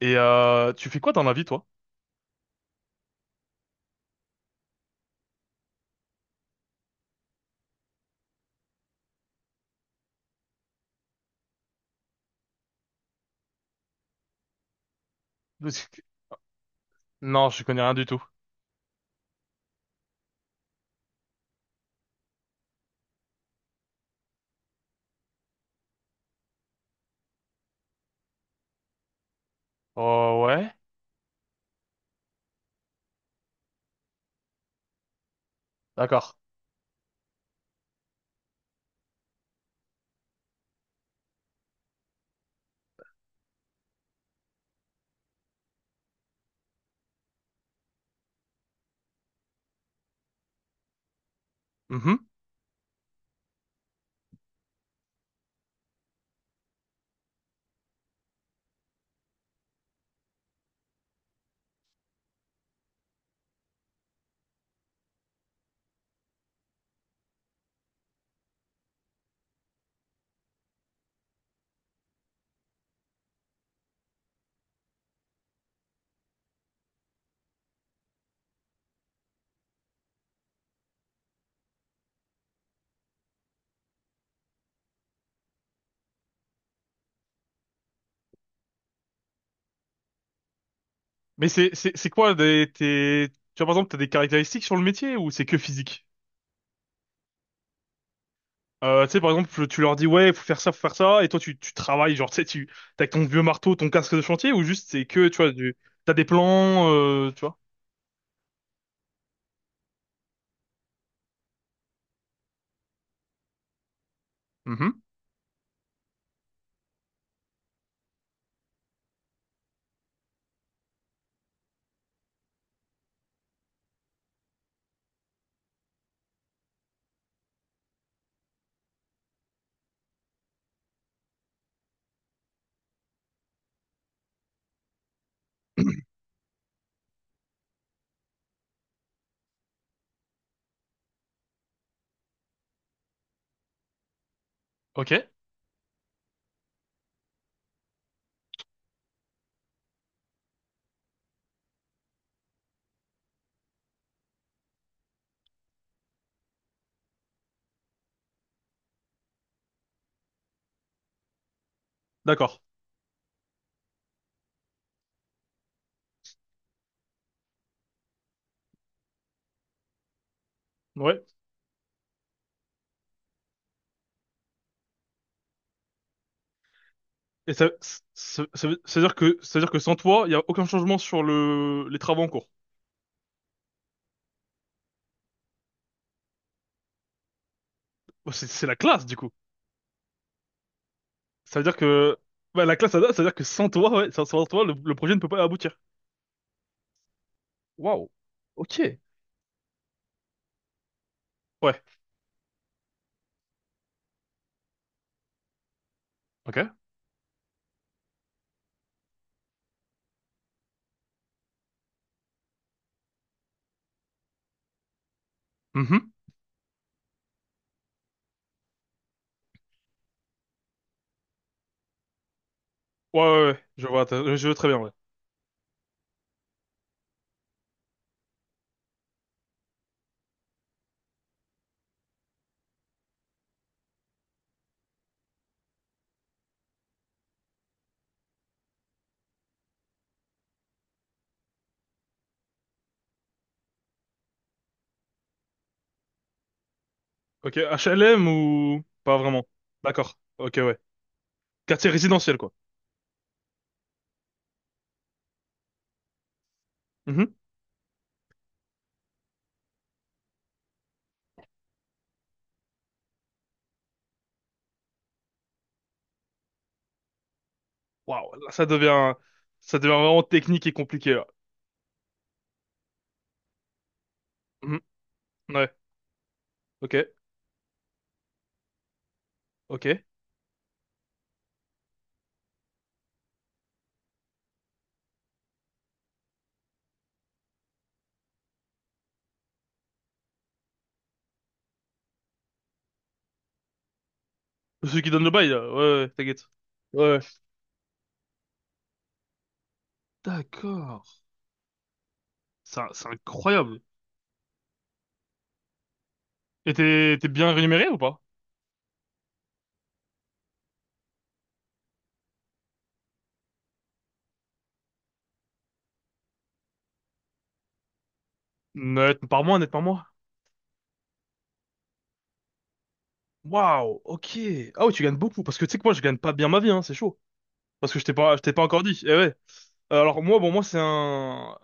Et tu fais quoi dans la vie, toi? Parce que- Non, je connais rien du tout. Oh ouais? D'accord. Mhm. Mais c'est quoi des tes tu vois par exemple t'as des caractéristiques sur le métier ou c'est que physique? Tu sais par exemple tu leur dis ouais faut faire ça et toi tu travailles genre tu sais tu t'as ton vieux marteau ton casque de chantier ou juste c'est que tu vois du t'as des plans tu vois? Mhm. Ok. D'accord. Ouais. Et ça ça ça veut dire que ça veut dire que sans toi il y a aucun changement sur le les travaux en cours. Oh, c'est la classe du coup. Ça veut dire que bah, la classe ADA, ça veut dire que sans toi, ouais, sans toi, le projet ne peut pas aboutir. Waouh. Ok. Ouais. Ok. Mhm. Ouais, ouais, ouais. Je vois, je vois très bien, ouais. Ok, HLM ou pas vraiment. D'accord. Ok, ouais. Quartier résidentiel, quoi. Mhm. Waouh, là, ça devient vraiment technique et compliqué, là. Mhm. Ouais. Ok. Ok. Celui qui donne le bail, là. Ouais, ouais, t'inquiète. Ouais. D'accord. C'est incroyable. Et t'es bien rémunéré ou pas? Net par mois, net par mois. Waouh, ok. Ah ouais, tu gagnes beaucoup. Parce que tu sais que moi, je gagne pas bien ma vie, hein, c'est chaud. Parce que je t'ai pas encore dit. Eh ouais. Alors moi, bon, moi, c'est un...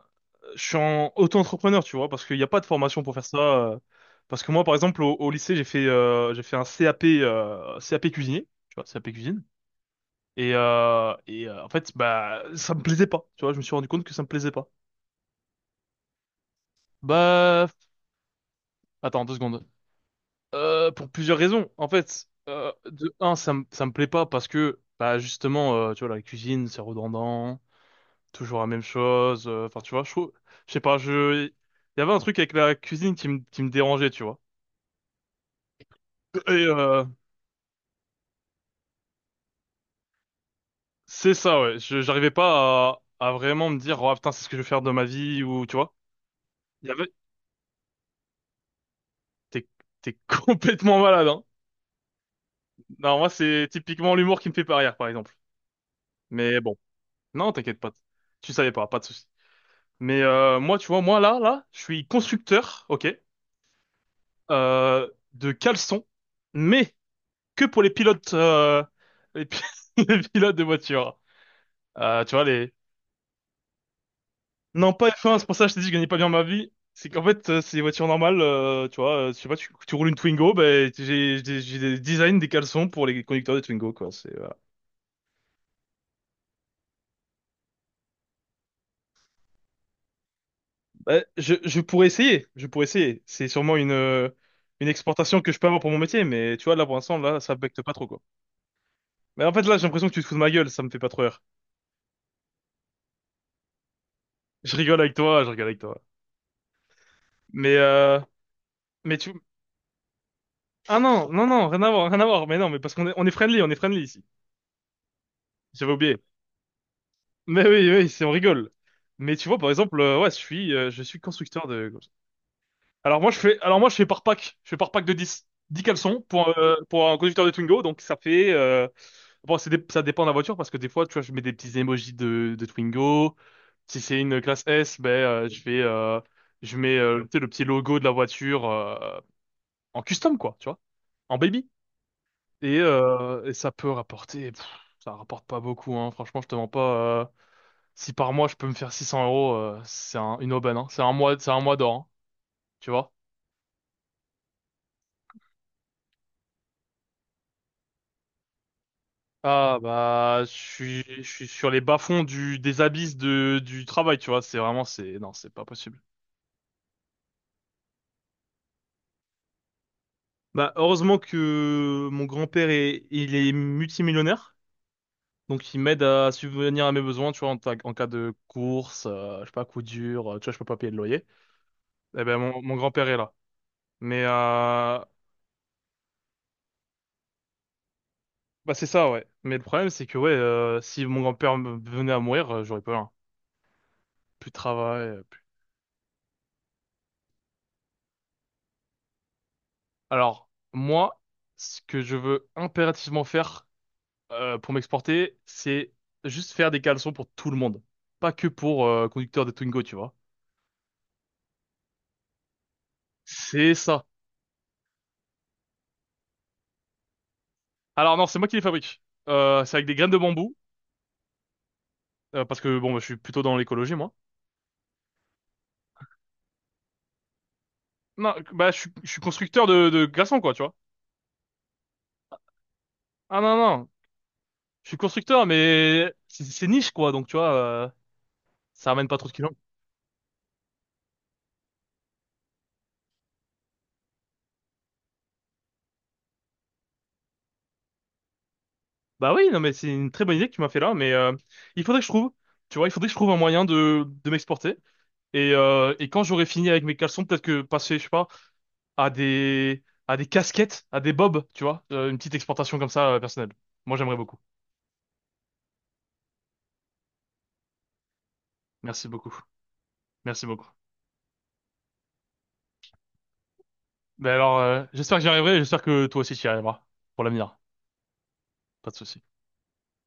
Je suis en auto-entrepreneur, tu vois, parce qu'il n'y a pas de formation pour faire ça. Parce que moi, par exemple, au lycée, j'ai fait un CAP, CAP cuisinier, tu vois, CAP cuisine. En fait, bah, ça me plaisait pas. Tu vois, je me suis rendu compte que ça me plaisait pas. Bah, attends, deux secondes. Pour plusieurs raisons. En fait, de un, ça me plaît pas parce que bah justement, tu vois, la cuisine, c'est redondant, toujours la même chose. Enfin, tu vois, je trouve- je sais pas, je il y avait un truc avec la cuisine qui me dérangeait, tu vois. Et euh, c'est ça, ouais. Je j'arrivais pas à vraiment me dire, oh putain, c'est ce que je vais faire de ma vie ou tu vois. Il y avait t'es T'es complètement malade, hein. Non, moi, c'est typiquement l'humour qui me fait pas rire, par exemple. Mais bon, non, t'inquiète pas. Tu savais pas, pas de souci. Mais moi, tu vois, moi là, je suis constructeur, ok, euh, de caleçons, mais que pour les pilotes, les, pi- les pilotes de voitures. Euh, tu vois les, non pas F1, c'est pour ça que je t'ai dit que je gagnais pas bien ma vie. C'est qu'en fait, c'est des voitures normales, je sais pas, tu roules une Twingo, ben j'ai des designs des caleçons pour les conducteurs de Twingo, quoi. C'est, voilà. Ben, je pourrais essayer, je pourrais essayer. C'est sûrement une exportation que je peux avoir pour mon métier, mais tu vois là pour l'instant là, ça becte pas trop, quoi. Mais en fait, là, j'ai l'impression que tu te fous de ma gueule, ça me fait pas trop rire. Je rigole avec toi, je rigole avec toi. Mais, euh, mais tu... Ah non, non, non, rien à voir, rien à voir. Mais non, mais parce qu'on on est friendly ici. J'avais oublié. Mais oui, oui, on rigole. Mais tu vois, par exemple, ouais, je suis constructeur de... Alors moi je fais par pack, je fais par pack de 10 caleçons pour un conducteur de Twingo donc ça fait bon ça dépend de la voiture parce que des fois tu vois je mets des petits emojis de Twingo. Si c'est une classe S, ben je fais je mets tu sais, le petit logo de la voiture en custom quoi, tu vois, en baby. Et, et ça peut rapporter pff, ça rapporte pas beaucoup hein, franchement je te mens pas si par mois je peux me faire 600 € c'est une aubaine hein. C'est un mois d'or, hein, tu vois. Ah bah je suis sur les bas-fonds du des abysses de du travail, tu vois, c'est vraiment c'est non, c'est pas possible. Bah heureusement que mon grand-père est il est multimillionnaire, donc il m'aide à subvenir à mes besoins, tu vois, en cas de course, je sais pas, coup dur, tu vois, je peux pas payer le loyer. Eh ben mon grand-père est là. Mais euh, Bah c'est ça ouais. Mais le problème c'est que ouais, si venait à mourir, j'aurais pas rien. Plus de travail, plus. Alors, moi, ce que je veux impérativement faire pour m'exporter, c'est juste faire des caleçons pour tout le monde. Pas que pour conducteur de Twingo, tu vois. C'est ça. Alors non, c'est moi qui les fabrique. C'est avec des graines de bambou, parce que bon, bah, je suis plutôt dans l'écologie, moi. Non, bah je suis constructeur de glaçons, quoi, tu vois. Ah non, non, je suis constructeur, mais c'est niche, quoi, donc tu vois, ça ramène pas trop de clients. Bah oui, non, mais c'est une très bonne idée que tu m'as fait là, mais il faudrait que je trouve, tu vois, il faudrait que je trouve un moyen de m'exporter. Et quand j'aurai fini avec mes caleçons, peut-être que passer, je sais pas, à des casquettes, à des bobs, tu vois, une petite exportation comme ça, personnelle. Moi, j'aimerais beaucoup. Merci beaucoup. Merci beaucoup. Ben alors, j'espère que j'y arriverai, et j'espère que toi aussi tu y arriveras pour l'avenir. Pas de souci.